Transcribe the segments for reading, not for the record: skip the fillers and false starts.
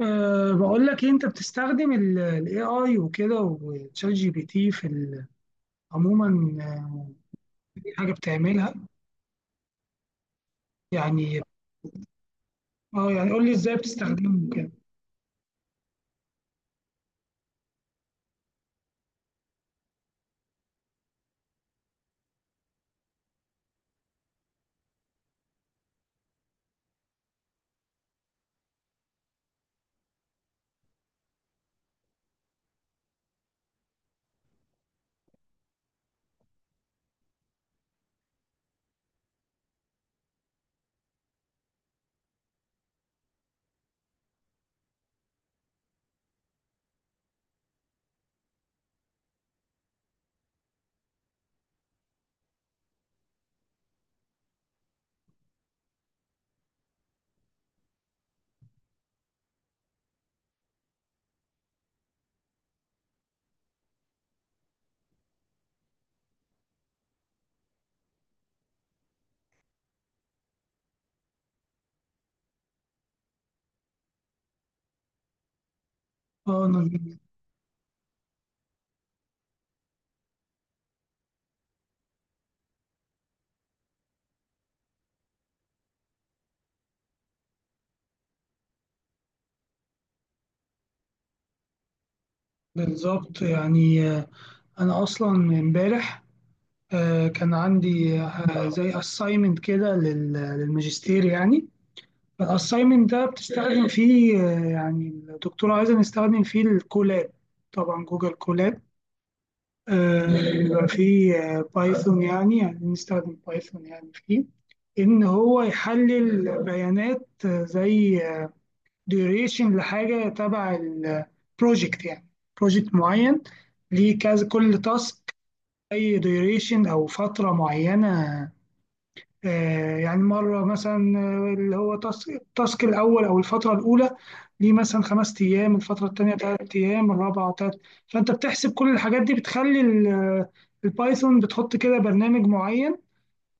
بقول لك إيه، انت بتستخدم الاي اي وكده وتشات جي بي تي عموما. آه، في حاجه بتعملها يعني. اه يعني قول لي ازاي بتستخدمه كده. اه أنا بالظبط يعني. انا اصلا امبارح، كان عندي زي اساينمنت كده للماجستير يعني. الاساينمنت ده بتستخدم فيه، يعني الدكتور عايزة نستخدم فيه الكولاب، طبعا جوجل كولاب. آه، بيبقى فيه بايثون يعني بنستخدم بايثون يعني، فيه إن هو يحلل بيانات، زي ديوريشن لحاجة تبع البروجكت يعني، بروجكت معين ليه كذا كل تاسك، أي ديوريشن أو فترة معينة. يعني مرة مثلا، اللي هو التاسك الأول أو الفترة الأولى ليه مثلا 5 أيام، الفترة التانية 3 أيام، الرابعة تلات. فأنت بتحسب كل الحاجات دي، بتخلي البايثون، بتحط كده برنامج معين،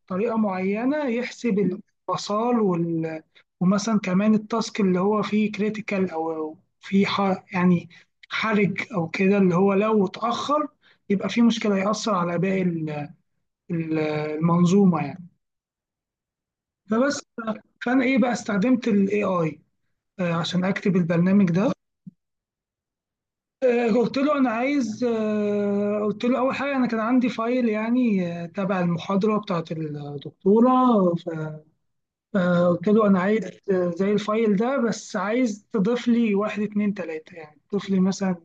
طريقة معينة يحسب الوصال ومثلا كمان التاسك اللي هو فيه كريتيكال، أو فيه يعني حرج أو كده، اللي هو لو اتأخر يبقى فيه مشكلة، هيأثر على باقي المنظومة يعني. فبس. فانا ايه بقى استخدمت الاي اي عشان اكتب البرنامج ده. قلت له انا عايز، قلت له اول حاجه انا كان عندي فايل يعني، تبع المحاضره بتاعت الدكتوره. ف- فقلت له انا عايز زي الفايل ده، بس عايز تضيف لي واحد اتنين تلاته، يعني تضيف لي مثلا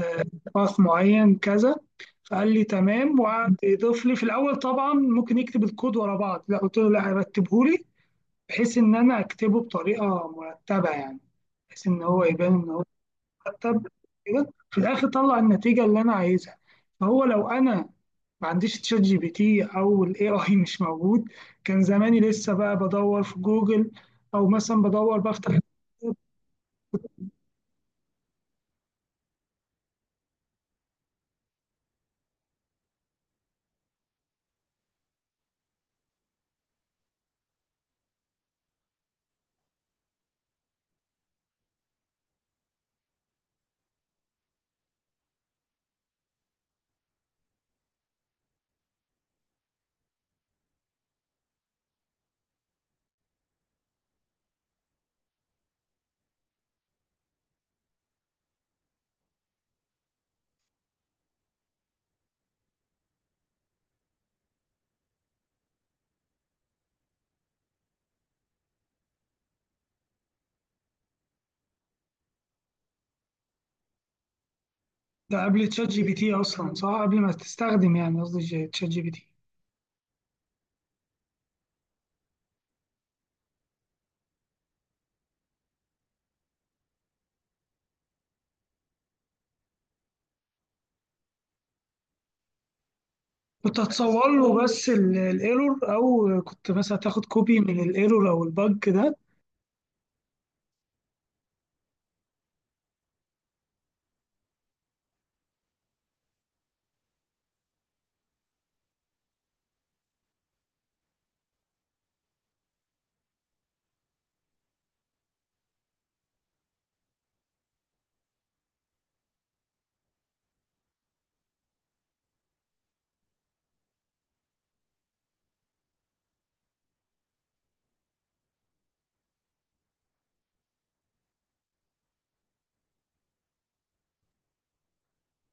آه، باث معين كذا. فقال لي تمام، وقعد يضيف لي في الاول. طبعا ممكن يكتب الكود ورا بعض، لا قلت له لا رتبه لي بحيث ان انا اكتبه بطريقه مرتبه يعني، بحيث ان هو يبان ان هو مرتب كده. في الاخر طلع النتيجه اللي انا عايزها. فهو لو انا ما عنديش تشات جي بي تي او الاي اي مش موجود، كان زماني لسه بقى بدور في جوجل، او مثلا بدور بفتح. ده قبل تشات جي بي تي اصلا، صح؟ قبل ما تستخدم، يعني قصدي تشات جي بي تي. كنت هتصور له بس الايرور، او كنت مثلا تاخد كوبي من الايرور او البج ده.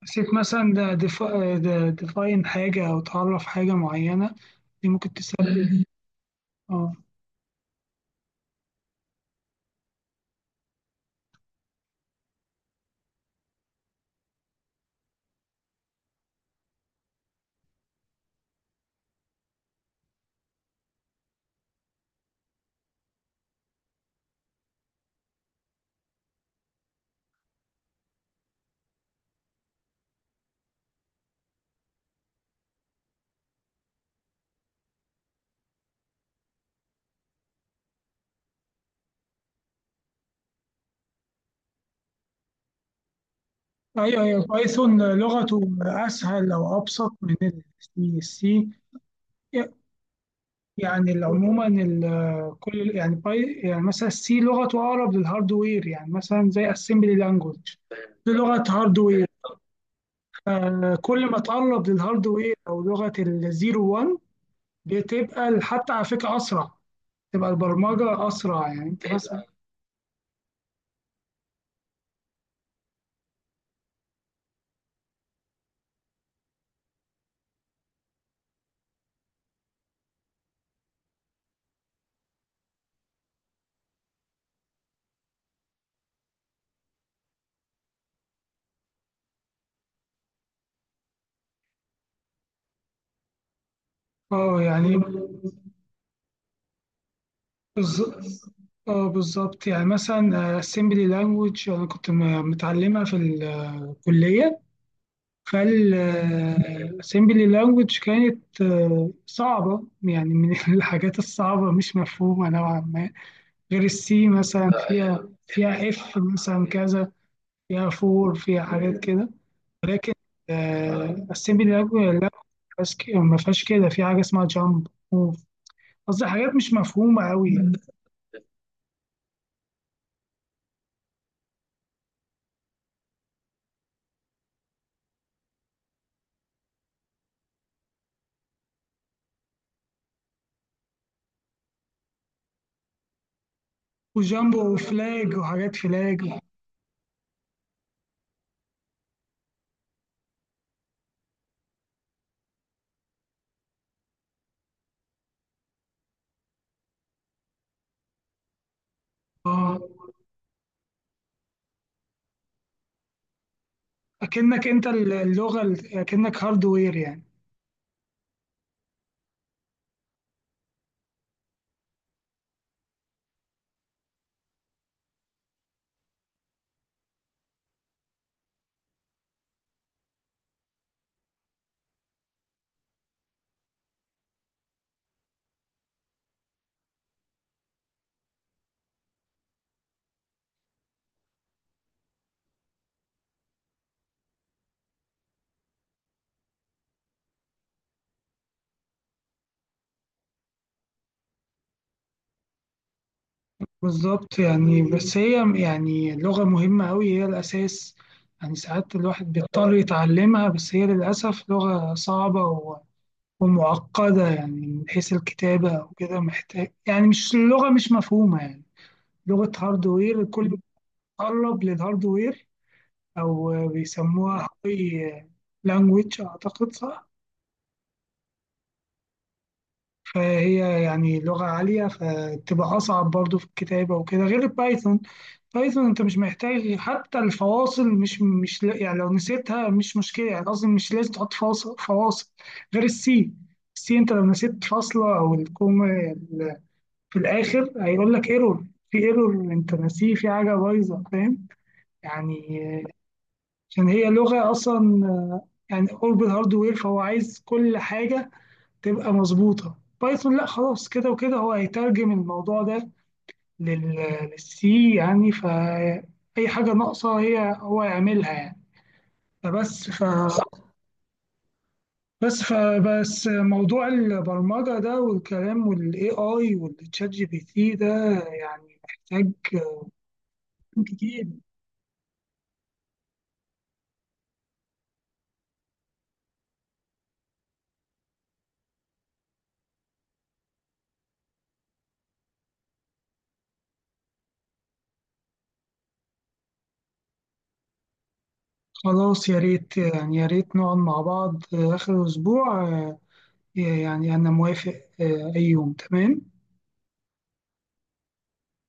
نسيت مثلا ده ديفاين حاجه، او تعرف حاجه معينه، دي ممكن تسبب. اه ايوه ايوه، بايثون لغته اسهل او ابسط من السي. يعني عموما كل يعني باي، يعني مثلا السي لغته اقرب للهاردوير، يعني مثلا زي اسمبلي لانجوج، دي لغه هاردوير. كل ما تقرب للهاردوير او لغه الزيرو 1، بتبقى حتى على فكره اسرع، تبقى البرمجه اسرع. يعني انت مثلا اه يعني بالظ- اه بالظبط يعني، مثلا assembly language انا كنت متعلمها في الكلية. فال assembly language كانت صعبة، يعني من الحاجات الصعبة، مش مفهومة نوعا ما، غير السي مثلا. فيها اف مثلا كذا، فيها فور، فيها حاجات كده. لكن assembly language لا، ما فيهاش كده في حاجة اسمها jump، move، قصدي حاجات مش مفهومة أوي يعني. وجامبو وفلاج وحاجات فلاج و-. اه اكنك انت اللغه اكنك هاردوير يعني. بالظبط يعني. بس هي يعني اللغه مهمه قوي، هي الاساس يعني. ساعات الواحد بيضطر يتعلمها، بس هي للاسف لغه صعبه و- ومعقده يعني من حيث الكتابه وكده، محتاج يعني، مش اللغه مش مفهومه يعني، لغه هاردوير. الكل بيتقرب للهاردوير، او بيسموها هاي لانجويج اعتقد، صح؟ فهي يعني لغة عالية، فتبقى أصعب برضو في الكتابة وكده، غير البايثون. بايثون أنت مش محتاج حتى الفواصل، مش مش لا- يعني لو نسيتها مش مشكلة، يعني قصدي مش لازم تحط فاصل فواصل غير السي. السي أنت لو نسيت فاصلة أو الكومة ال- في الآخر هيقول لك ايرور، في ايرور أنت ناسيه، في حاجة بايظة، فاهم يعني؟ عشان هي لغة أصلا يعني قرب الهاردوير، فهو عايز كل حاجة تبقى مظبوطة. بايثون لا، خلاص كده وكده هو هيترجم الموضوع ده للسي يعني، فأي حاجة ناقصة هي هو يعملها يعني. فبس ف بس فبس موضوع البرمجة ده والكلام والاي اي والتشات جي بي تي ده، يعني محتاج كلام كتير. خلاص يا ريت، يعني يا ريت نقعد مع بعض آخر أسبوع. يعني أنا موافق. أي يوم تمام.